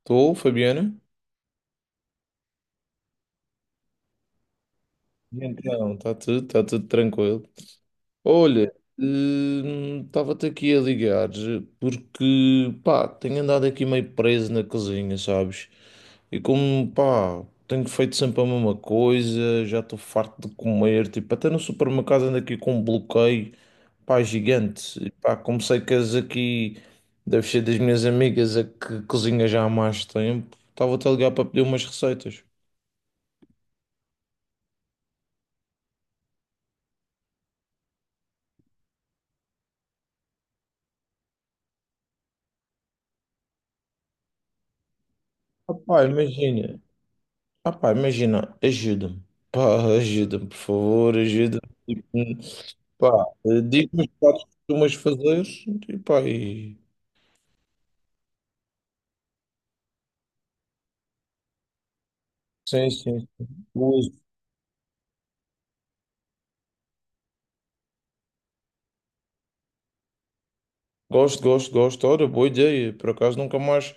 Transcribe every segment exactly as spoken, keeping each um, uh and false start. Estou, Fabiana? E Então, está tudo, está tudo tranquilo. Olha, estava-te aqui a ligar porque, pá, tenho andado aqui meio preso na cozinha, sabes? E como, pá, tenho feito sempre a mesma coisa, já estou farto de comer, tipo, até no supermercado ando aqui com um bloqueio, pá, gigante. E, pá, como sei que és aqui, deve ser das minhas amigas a que cozinha já há mais tempo, estava-te a ligar para pedir umas receitas. Ah, pá, imagina. Ah, pá, imagina, ajuda-me. Pá, ajuda-me, por favor, ajuda-me. Pá, eh, diz-me os pratos que costumas fazer. E, pá, e... Sim, sim. Gosto, gosto, gosto. Gosto. Ora, boa ideia. Por acaso nunca mais.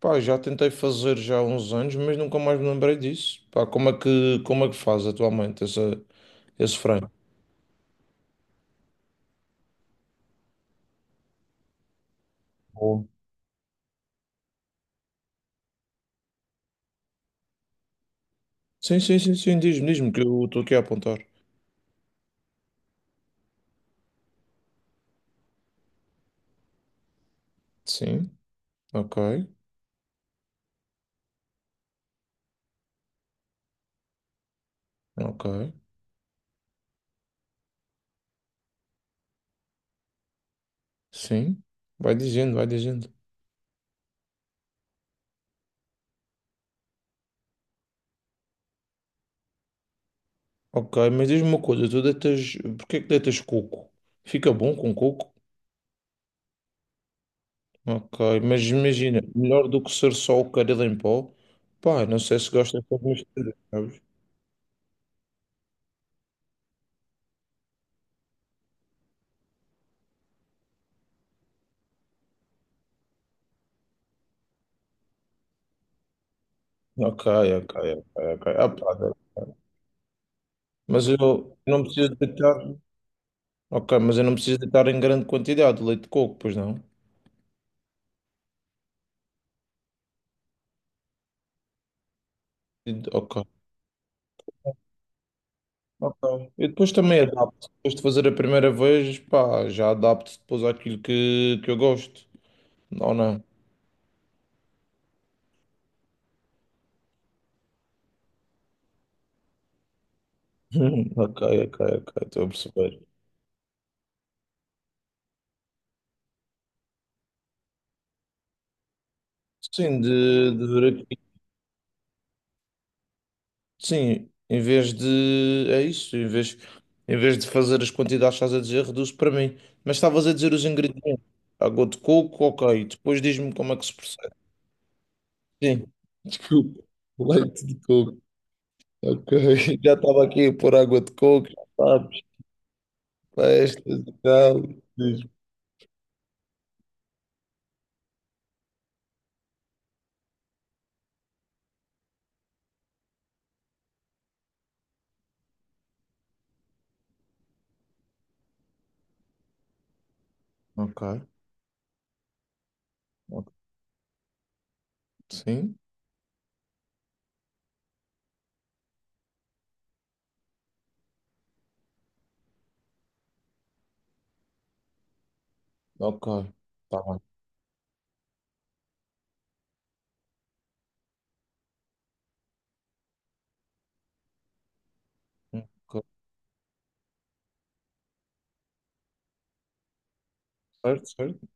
Pá, já tentei fazer já há uns anos, mas nunca mais me lembrei disso. Pá, como é que, como é que faz atualmente essa, esse frango? Bom. Sim, sim, sim, sim. Diz-me, diz-me que eu estou aqui a apontar. Sim, ok, ok. Sim, vai dizendo, vai dizendo. Ok, mas diz-me uma coisa, tu deitas, porque é que deitas coco? Fica bom com coco? Ok, mas imagina, melhor do que ser só o caril em pó? Pá, não sei se gostas de mistura, sabes? Ok, ok, ok, ok. Ah, pá, mas eu não preciso deitar, ok, mas eu não preciso deitar em grande quantidade de leite de coco, pois não? E- Ok, ok. Eu depois também adapto, depois de fazer a primeira vez, pá, já adapto depois àquilo que, que eu gosto, ou não? Ok, ok, ok, estou a perceber. Sim, de, de ver aqui. Sim, em vez de. É isso, em vez, em vez de fazer as quantidades que estás a dizer, reduz para mim. Mas estavas a dizer os ingredientes. Água de coco, ok. Depois diz-me como é que se processa. Sim, desculpa. Leite de coco, ok. Já estava aqui a pôr água de coco, já sabes, festas e tal. Diz-me. Ok, ok. Sim, ok. Está bem. Ok, certo, certo.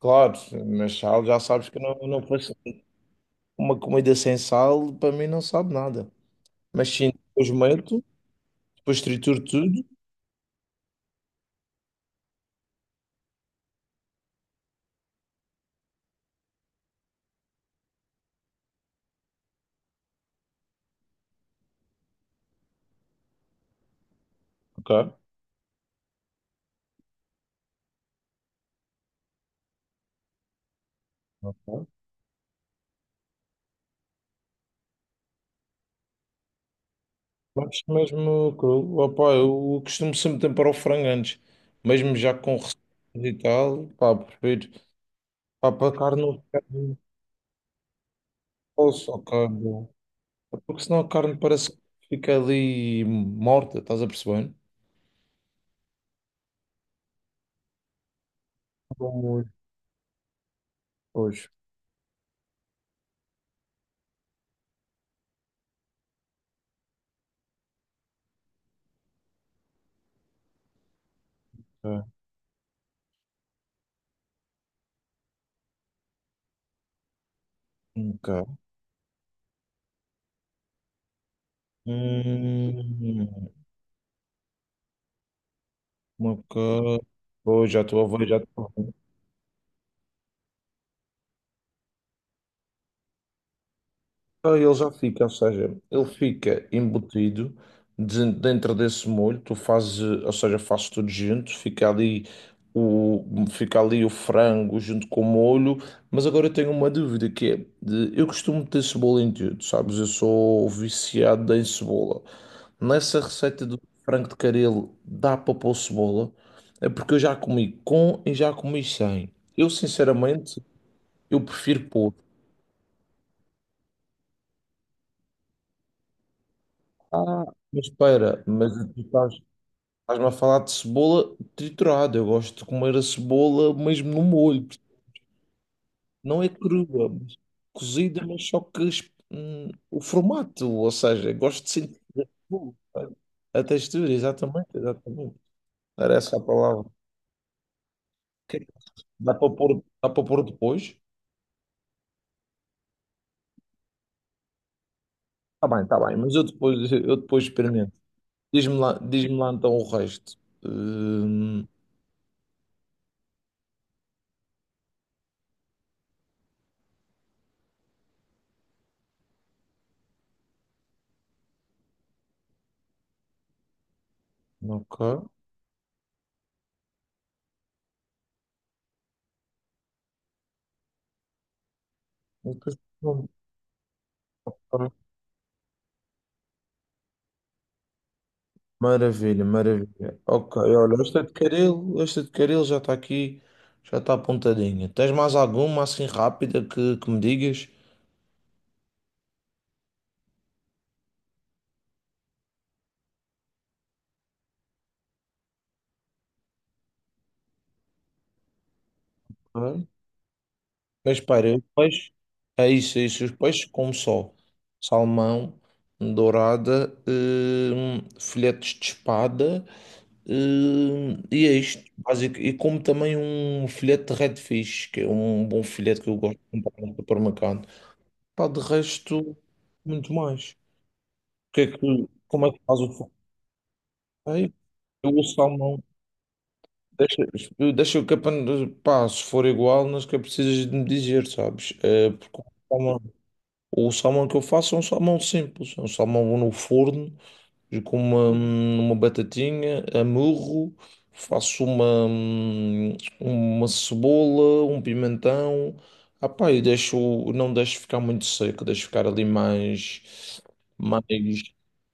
Claro, mas já já sabes que eu não, não faço uma comida sem sal, para mim, não sabe nada. Mas sim, depois meto, depois trituro tudo. Ok. Ok. Mas mesmo cru. Opa, eu costumo sempre temperar o frango antes. Mesmo já com receitas e tal, pá, prefiro. Pá, para a carne não ficar posso, ok. Bom. É porque senão a carne parece que fica ali morta, estás a perceber? Bom, muito, pois. Ok. Ok. Hum, ok. Pois, já estou a ver, já estou. Então, ele já fica, ou seja, ele fica embutido de- dentro desse molho, tu fazes, ou seja, fazes tudo junto, fica ali o, fica ali o frango junto com o molho, mas agora eu tenho uma dúvida que é, de- eu costumo ter cebola em tudo, sabes? Eu sou viciado em cebola. Nessa receita do frango de caril dá para pôr cebola? É porque eu já comi com e já comi sem. Eu, sinceramente, eu prefiro pôr. Ah, mas espera, mas tu estás Estás-me a falar de cebola triturada. Eu gosto de comer a cebola mesmo no molho. Não é crua, mas cozida, mas só que es- hum, o formato, ou seja, eu gosto de sentir a cebola, sabe? A textura, exatamente, exatamente. Era essa a palavra. Que- Dá para pôr, dá para pôr depois? Está bem, está bem, mas eu depois, eu depois experimento. Diz-me lá, diz-me lá então o resto. Hum, ok. Maravilha, maravilha. Ok, olha, esta de caril, esta de caril já está aqui, já está apontadinha. Tens mais alguma assim rápida que, que me digas? Ok. Mas espera, os peixes, é isso, é isso. Os peixes como só salmão, dourada, hum, filetes de espada, hum, e é isto, básico. E como também um filete de redfish, que é um bom filete que eu gosto de comprar no supermercado. Pá, de resto, muito mais. que é que, como é que faz o formateio? Eu o salmão. Deixa, deixa o capa, pá, se for igual, não sequer precisas de me dizer, sabes? Eh, porque o salmão, o salmão que eu faço é um salmão simples, é um salmão no forno. E com uma, uma batatinha, amurro, faço uma, uma cebola, um pimentão. Ah pá, e deixo, não deixo ficar muito seco, deixo ficar ali mais, mais,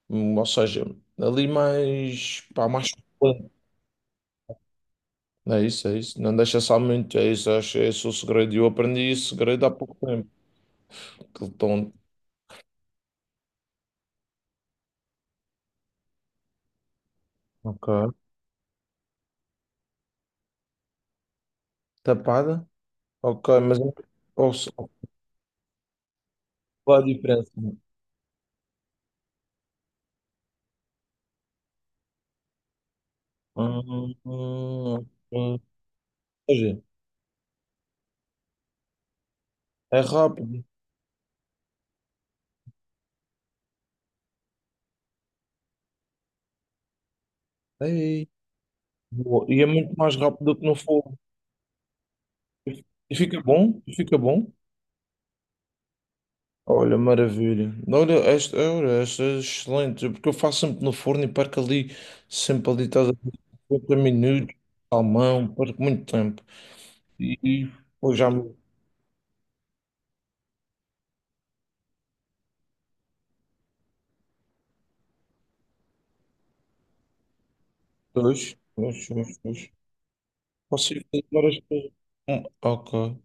hum, ou seja, ali mais, pá, mais suculento. É isso, é isso. Não deixa só muito, é isso, acho, é esse o segredo. Eu aprendi esse segredo há pouco tempo. Aquele tom. Ok. Tapada? Ok, mas é- qual é a diferença? Hum, hum, hum. Ou seja, é rápido. Ei, boa. E é muito mais rápido que no fogo. E fica bom, e fica bom. Olha, maravilha. Olha, esta, olha, esta é excelente, porque eu faço sempre no forno e perco ali, sempre ali, estás a ver, cinquenta minutos, salmão, perco muito tempo. E e, pô, já me. Dois, dois, dois, dois. Posso ir fazer várias coisas. Hum, Ok.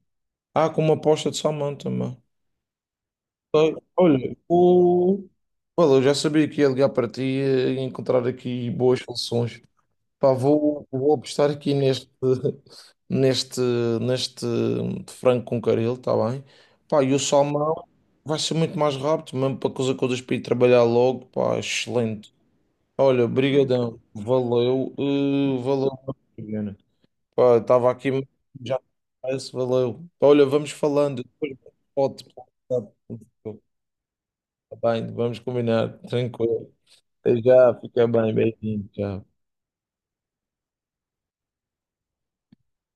Ah, com uma posta de salmão também. Sei. Olha, o... Olha, eu já sabia que ia ligar para ti eh, e encontrar aqui boas soluções. Pá, vou, vou apostar aqui neste, neste, neste frango com caril, está bem? Pá, e o salmão vai ser muito mais rápido, mesmo para coisa coisas para ir trabalhar logo, pá, excelente. Olha, brigadão, valeu, eh, valeu. Juliana. Pá, estava aqui, já, parece, valeu. Olha, vamos falando, depois, pode. Tá bem, vamos combinar. Tranquilo. Até já, fica bem. Beijinho. Tchau.